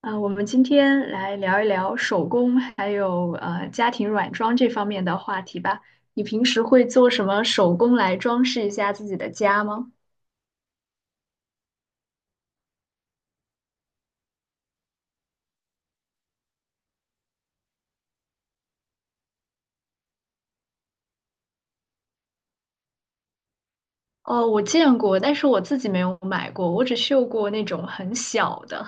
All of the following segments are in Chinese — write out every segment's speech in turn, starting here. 啊，我们今天来聊一聊手工还有家庭软装这方面的话题吧。你平时会做什么手工来装饰一下自己的家吗？哦，我见过，但是我自己没有买过，我只绣过那种很小的。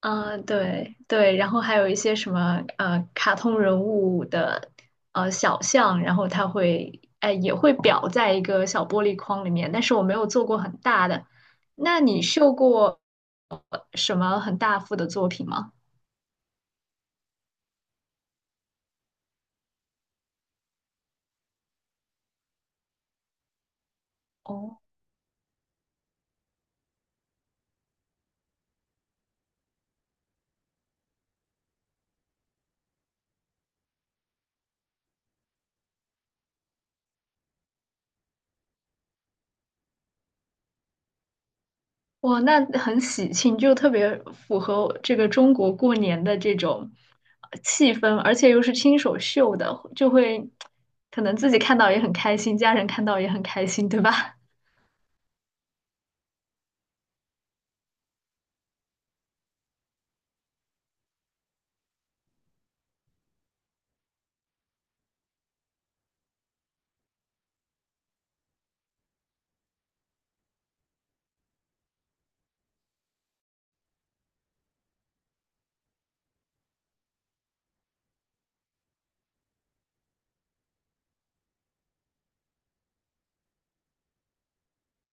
啊，对对，然后还有一些什么卡通人物的小像，然后它会也会裱在一个小玻璃框里面，但是我没有做过很大的。那你绣过？什么很大幅的作品吗？哦，哇，那很喜庆，就特别符合这个中国过年的这种气氛，而且又是亲手绣的，就会可能自己看到也很开心，家人看到也很开心，对吧？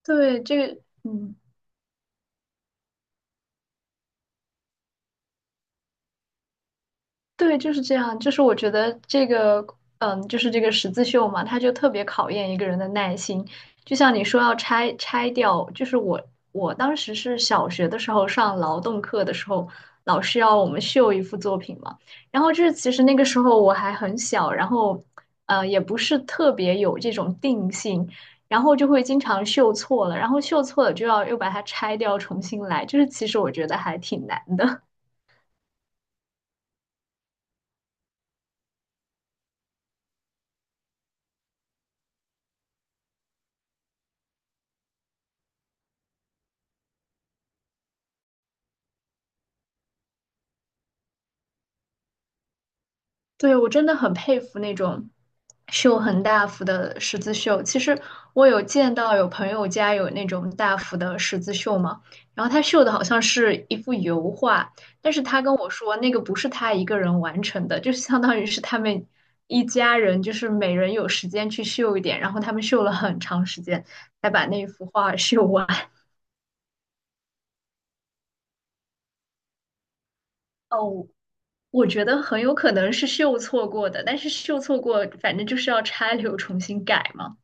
对，这个嗯。对，就是这样。就是我觉得这个，嗯，就是这个十字绣嘛，它就特别考验一个人的耐心。就像你说要拆掉，就是我当时是小学的时候上劳动课的时候，老师要我们绣一幅作品嘛。然后就是其实那个时候我还很小，然后也不是特别有这种定性，然后就会经常绣错了，然后绣错了就要又把它拆掉重新来，就是其实我觉得还挺难的。对，我真的很佩服那种绣很大幅的十字绣。其实我有见到有朋友家有那种大幅的十字绣嘛，然后他绣的好像是一幅油画，但是他跟我说那个不是他一个人完成的，就是相当于是他们一家人，就是每人有时间去绣一点，然后他们绣了很长时间才把那幅画绣完。哦，我觉得很有可能是绣错过的，但是绣错过，反正就是要拆流重新改嘛。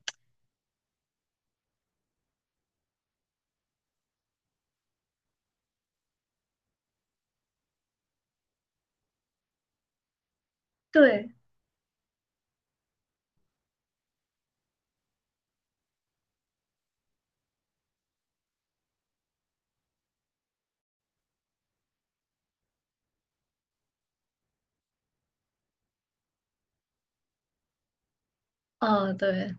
对，嗯，对，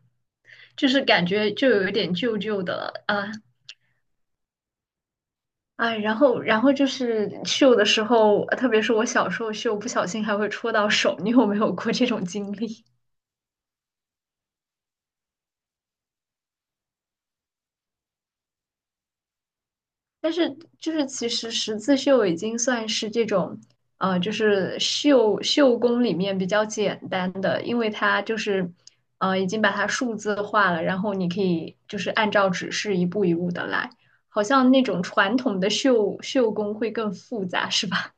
就是感觉就有一点旧旧的了啊。然后就是绣的时候，特别是我小时候绣，不小心还会戳到手，你有没有过这种经历？但是就是其实十字绣已经算是这种，就是绣绣工里面比较简单的，因为它就是已经把它数字化了，然后你可以就是按照指示一步一步的来，好像那种传统的绣绣工会更复杂，是吧？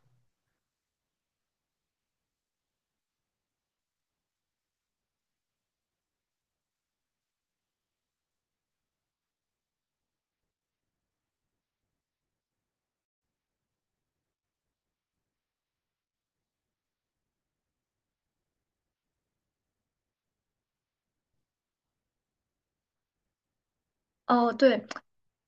哦，对，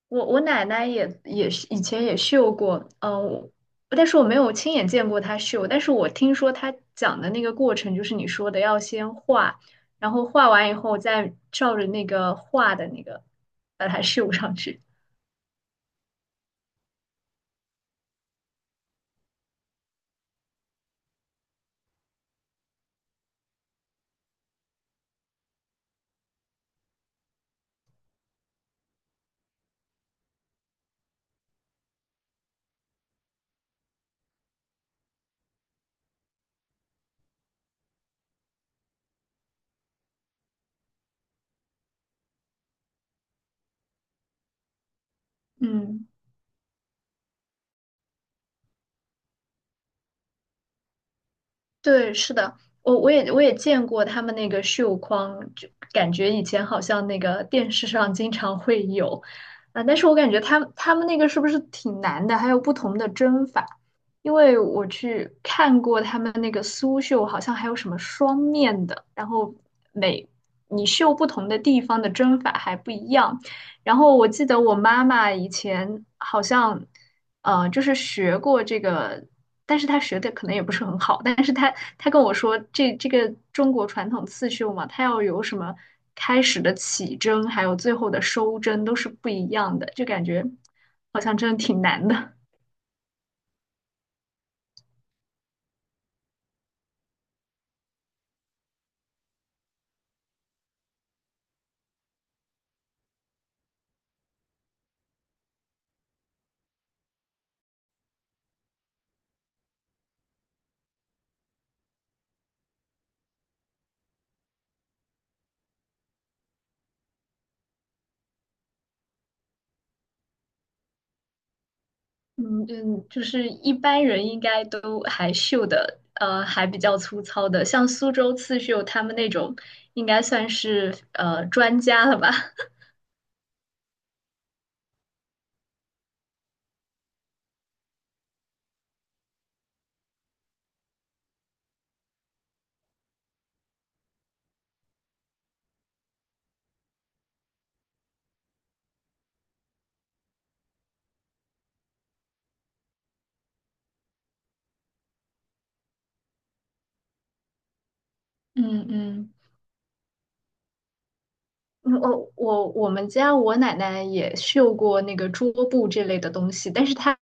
我奶奶也是以前也绣过，我但是我没有亲眼见过她绣，但是我听说她讲的那个过程，就是你说的要先画，然后画完以后再照着那个画的那个把它绣上去。嗯。对，是的，我也见过他们那个绣框，就感觉以前好像那个电视上经常会有。但是我感觉他们那个是不是挺难的？还有不同的针法，因为我去看过他们那个苏绣，好像还有什么双面的，然后每你绣不同的地方的针法还不一样。然后我记得我妈妈以前好像，就是学过这个。但是他学的可能也不是很好，但是他他跟我说这个中国传统刺绣嘛，它要有什么开始的起针，还有最后的收针都是不一样的，就感觉好像真的挺难的。嗯嗯，就是一般人应该都还绣的，还比较粗糙的，像苏州刺绣他们那种，应该算是专家了吧？嗯嗯。嗯我们家我奶奶也绣过那个桌布这类的东西，但是她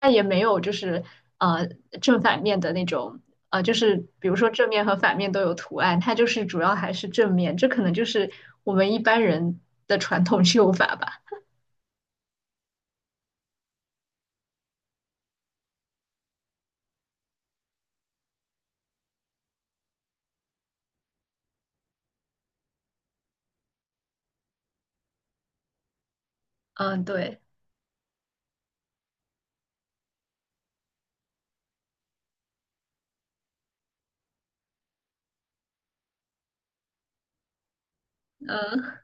她也没有就是呃正反面的那种，就是比如说正面和反面都有图案，它就是主要还是正面，这可能就是我们一般人的传统绣法吧。嗯，对，嗯，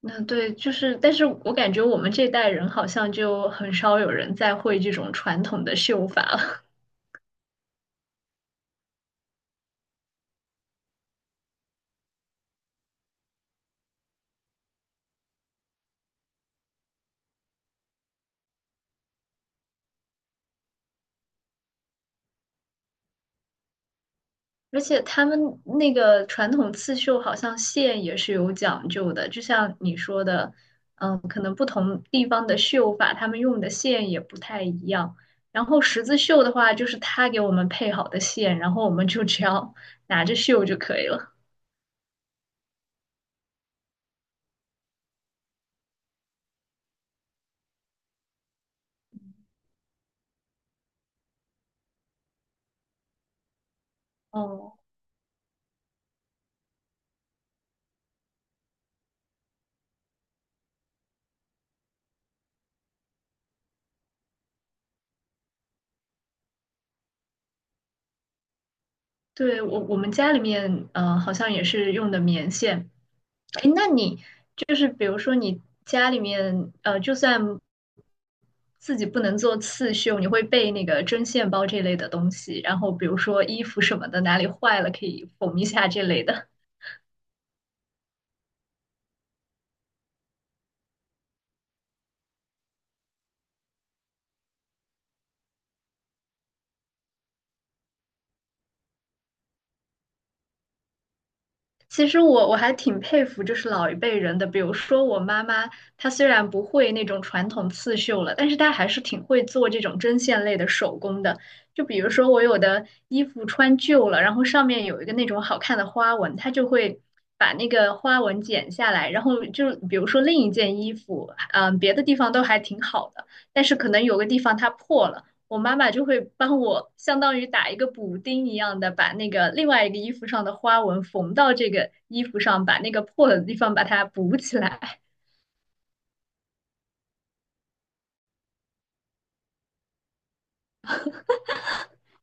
那对，就是，但是我感觉我们这代人好像就很少有人再会这种传统的绣法了。而且他们那个传统刺绣好像线也是有讲究的，就像你说的。嗯，可能不同地方的绣法，他们用的线也不太一样。然后十字绣的话，就是他给我们配好的线，然后我们就只要 拿着绣就可以了。哦，对，我们家里面，好像也是用的棉线。诶，那你就是比如说你家里面，就算自己不能做刺绣，你会备那个针线包这类的东西，然后比如说衣服什么的哪里坏了可以缝一下这类的。其实我还挺佩服，就是老一辈人的，比如说我妈妈，她虽然不会那种传统刺绣了，但是她还是挺会做这种针线类的手工的。就比如说我有的衣服穿旧了，然后上面有一个那种好看的花纹，她就会把那个花纹剪下来，然后就比如说另一件衣服，别的地方都还挺好的，但是可能有个地方它破了。我妈妈就会帮我，相当于打一个补丁一样的，把那个另外一个衣服上的花纹缝到这个衣服上，把那个破的地方把它补起来。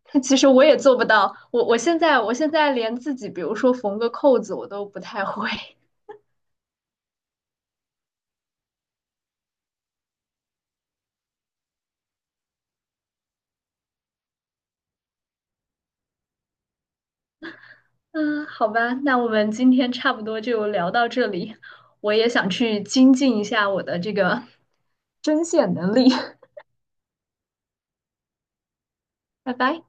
其实我也做不到，我现在连自己，比如说缝个扣子，我都不太会。嗯，好吧，那我们今天差不多就聊到这里。我也想去精进一下我的这个针线能力。拜拜。